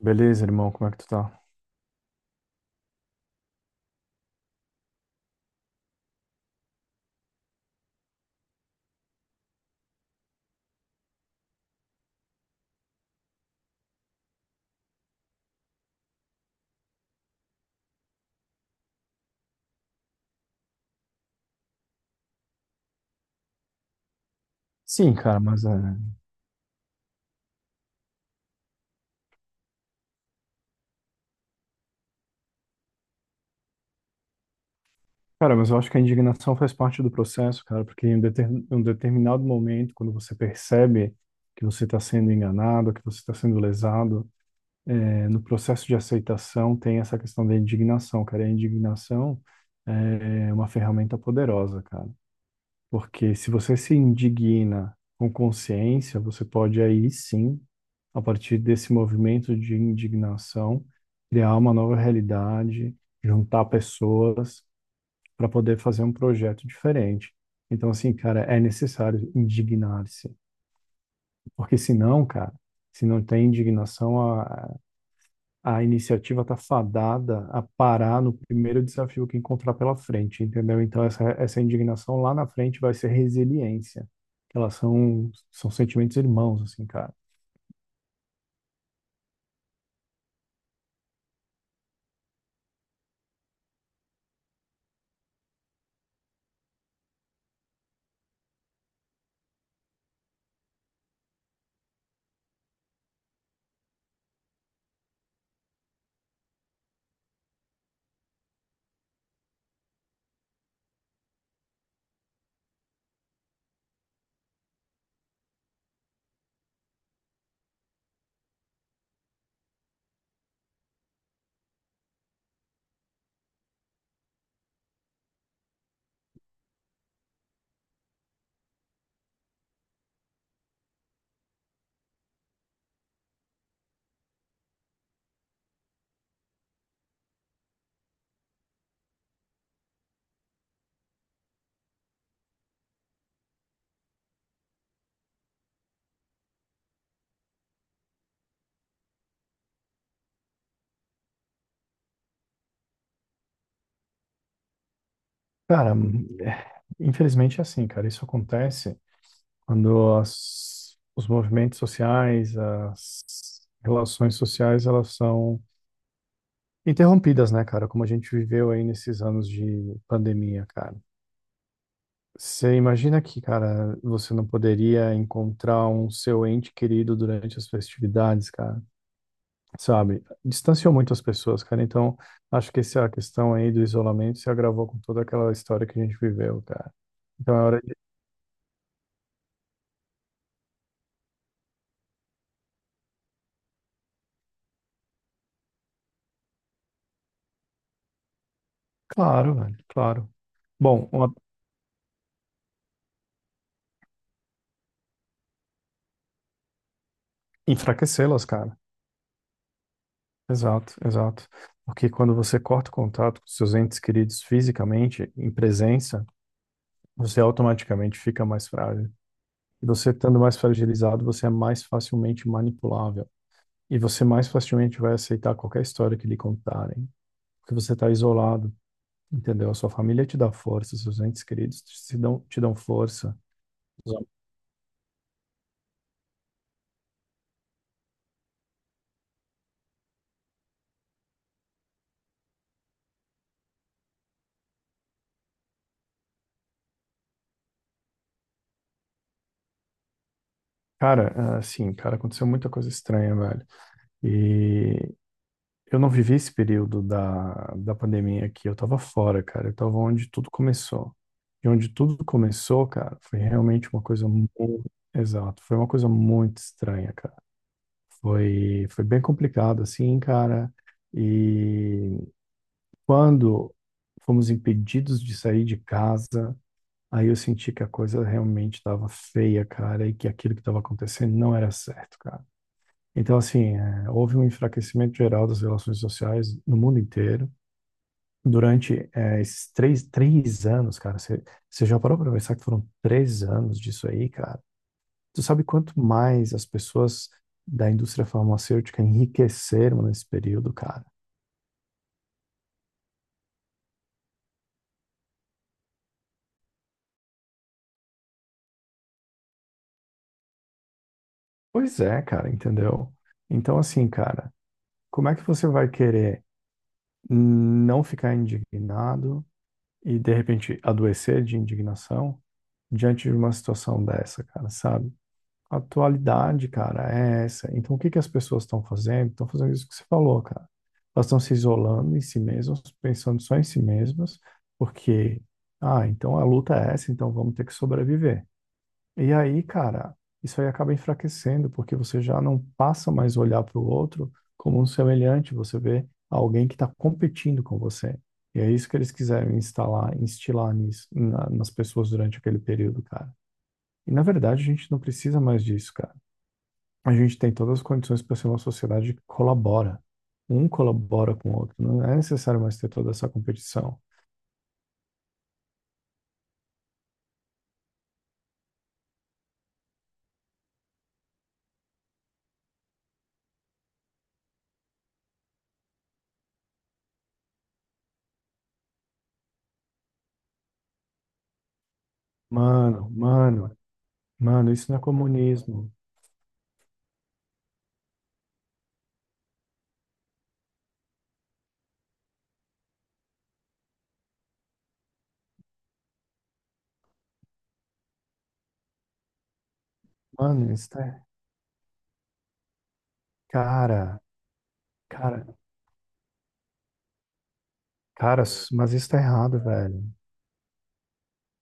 Beleza, irmão, como é que tu tá? Sim, cara, mas é... Cara, mas eu acho que a indignação faz parte do processo, cara, porque em um determinado momento, quando você percebe que você está sendo enganado, que você está sendo lesado, é, no processo de aceitação tem essa questão da indignação, cara. E a indignação é uma ferramenta poderosa, cara. Porque se você se indigna com consciência, você pode aí sim, a partir desse movimento de indignação, criar uma nova realidade, juntar pessoas para poder fazer um projeto diferente. Então, assim, cara, é necessário indignar-se. Porque senão, cara, se não tem indignação, a iniciativa está fadada a parar no primeiro desafio que encontrar pela frente, entendeu? Então, essa indignação lá na frente vai ser resiliência. Elas são sentimentos irmãos, assim, cara. Cara, é, infelizmente é assim, cara. Isso acontece quando os movimentos sociais, as relações sociais, elas são interrompidas, né, cara? Como a gente viveu aí nesses anos de pandemia, cara. Você imagina que, cara, você não poderia encontrar um seu ente querido durante as festividades, cara, sabe? Distanciou muito as pessoas, cara. Então, acho que essa questão aí do isolamento se agravou com toda aquela história que a gente viveu, cara. Então é hora de. Claro, velho, claro. Bom, enfraquecê-las, cara. Exato, exato. Porque quando você corta o contato com seus entes queridos fisicamente, em presença, você automaticamente fica mais frágil. E você estando mais fragilizado, você é mais facilmente manipulável. E você mais facilmente vai aceitar qualquer história que lhe contarem, porque você está isolado, entendeu? A sua família te dá força, seus entes queridos te dão força. Cara, assim, cara, aconteceu muita coisa estranha, velho. E eu não vivi esse período da pandemia aqui, eu tava fora, cara, eu tava onde tudo começou. E onde tudo começou, cara, foi realmente uma coisa muito, exato, foi uma coisa muito estranha, cara. Foi, foi bem complicado, assim, cara. E quando fomos impedidos de sair de casa, aí eu senti que a coisa realmente estava feia, cara, e que aquilo que estava acontecendo não era certo, cara. Então, assim, é, houve um enfraquecimento geral das relações sociais no mundo inteiro. Durante, é, esses três anos, cara, você já parou para pensar que foram três anos disso aí, cara? Tu sabe quanto mais as pessoas da indústria farmacêutica enriqueceram nesse período, cara? Pois é, cara, entendeu? Então, assim, cara, como é que você vai querer não ficar indignado e, de repente, adoecer de indignação diante de uma situação dessa, cara, sabe? A atualidade, cara, é essa. Então, o que que as pessoas estão fazendo? Estão fazendo isso que você falou, cara. Elas estão se isolando em si mesmas, pensando só em si mesmas, porque, ah, então a luta é essa, então vamos ter que sobreviver. E aí, cara, isso aí acaba enfraquecendo, porque você já não passa mais a olhar para o outro como um semelhante, você vê alguém que está competindo com você. E é isso que eles quiseram instalar, instilar nisso, nas pessoas durante aquele período, cara. E na verdade, a gente não precisa mais disso, cara, a gente tem todas as condições para ser uma sociedade que colabora. Um colabora com o outro. Não é necessário mais ter toda essa competição. Mano, mano, mano, isso não é comunismo. Mano, isso tá. Cara, cara, cara, mas isso tá errado, velho.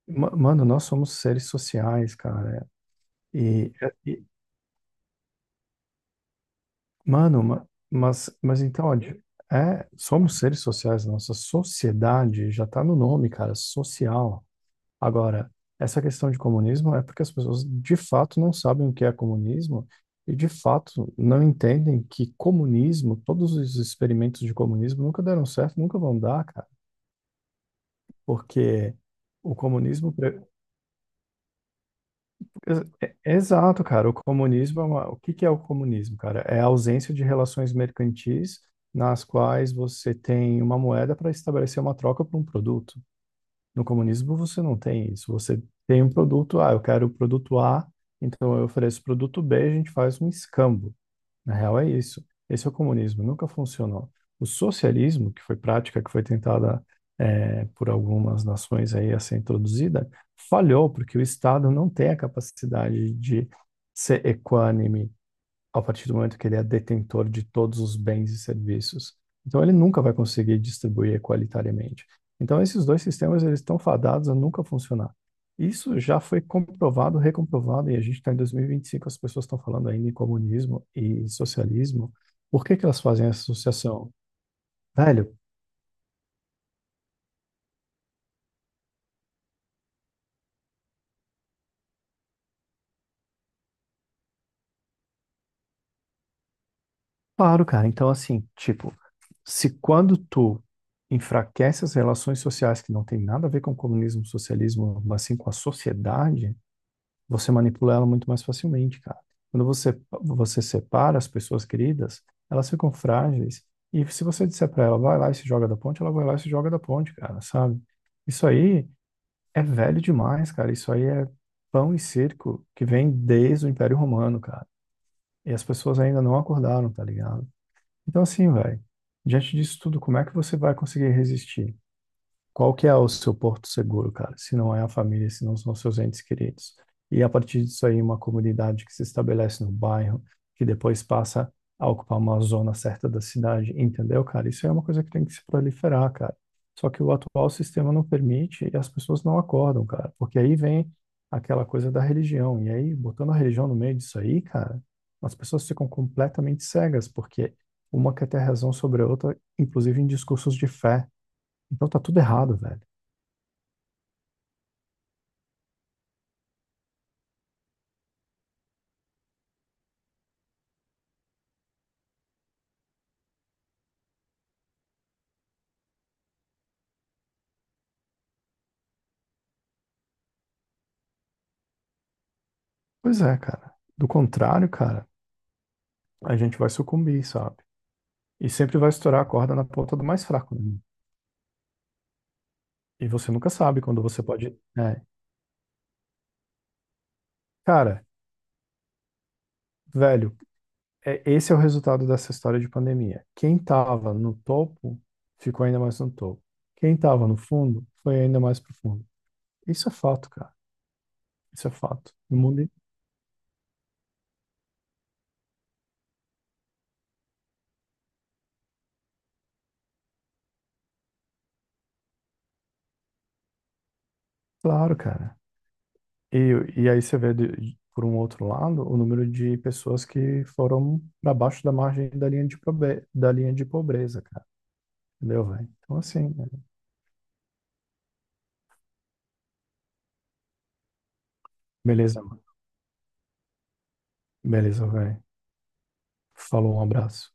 Mano, nós somos seres sociais, cara. E, e- mano, mas então, ó, é, somos seres sociais. Nossa sociedade já tá no nome, cara, social. Agora, essa questão de comunismo é porque as pessoas de fato não sabem o que é comunismo e de fato não entendem que comunismo, todos os experimentos de comunismo nunca deram certo, nunca vão dar, cara. Porque o comunismo. Exato, cara. O comunismo é uma... O que que é o comunismo, cara? É a ausência de relações mercantis nas quais você tem uma moeda para estabelecer uma troca por um produto. No comunismo você não tem isso. Você tem um produto A, eu quero o produto A, então eu ofereço o produto B, a gente faz um escambo. Na real é isso. Esse é o comunismo, nunca funcionou. O socialismo, que foi prática que foi tentada é, por algumas nações aí a ser introduzida, falhou porque o Estado não tem a capacidade de ser equânime a partir do momento que ele é detentor de todos os bens e serviços. Então ele nunca vai conseguir distribuir equalitariamente. Então esses dois sistemas eles estão fadados a nunca funcionar. Isso já foi comprovado, recomprovado, e a gente está em 2025, as pessoas estão falando ainda em comunismo e socialismo. Por que que elas fazem essa associação? Velho, claro, cara. Então, assim, tipo, se quando tu enfraquece as relações sociais, que não tem nada a ver com comunismo, socialismo, mas sim com a sociedade, você manipula ela muito mais facilmente, cara. Quando você, você separa as pessoas queridas, elas ficam frágeis. E se você disser para ela, vai lá e se joga da ponte, ela vai lá e se joga da ponte, cara, sabe? Isso aí é velho demais, cara. Isso aí é pão e circo que vem desde o Império Romano, cara. E as pessoas ainda não acordaram, tá ligado? Então, assim, velho, diante disso tudo, como é que você vai conseguir resistir? Qual que é o seu porto seguro, cara? Se não é a família, se não são seus entes queridos. E a partir disso aí, uma comunidade que se estabelece no bairro, que depois passa a ocupar uma zona certa da cidade, entendeu, cara? Isso é uma coisa que tem que se proliferar, cara. Só que o atual sistema não permite e as pessoas não acordam, cara. Porque aí vem aquela coisa da religião. E aí, botando a religião no meio disso aí, cara, as pessoas ficam completamente cegas, porque uma quer ter razão sobre a outra, inclusive em discursos de fé. Então tá tudo errado, velho. Pois é, cara. Do contrário, cara, a gente vai sucumbir, sabe? E sempre vai estourar a corda na ponta do mais fraco, né? E você nunca sabe quando você pode. É. Cara, velho, é, esse é o resultado dessa história de pandemia. Quem tava no topo ficou ainda mais no topo. Quem tava no fundo foi ainda mais pro fundo. Isso é fato, cara. Isso é fato. No mundo, claro, cara. E, e aí você vê, por um outro lado, o número de pessoas que foram para baixo da margem da linha de pobreza, cara. Entendeu, velho? Então, assim, né? Beleza, mano. Beleza, velho. Falou, um abraço.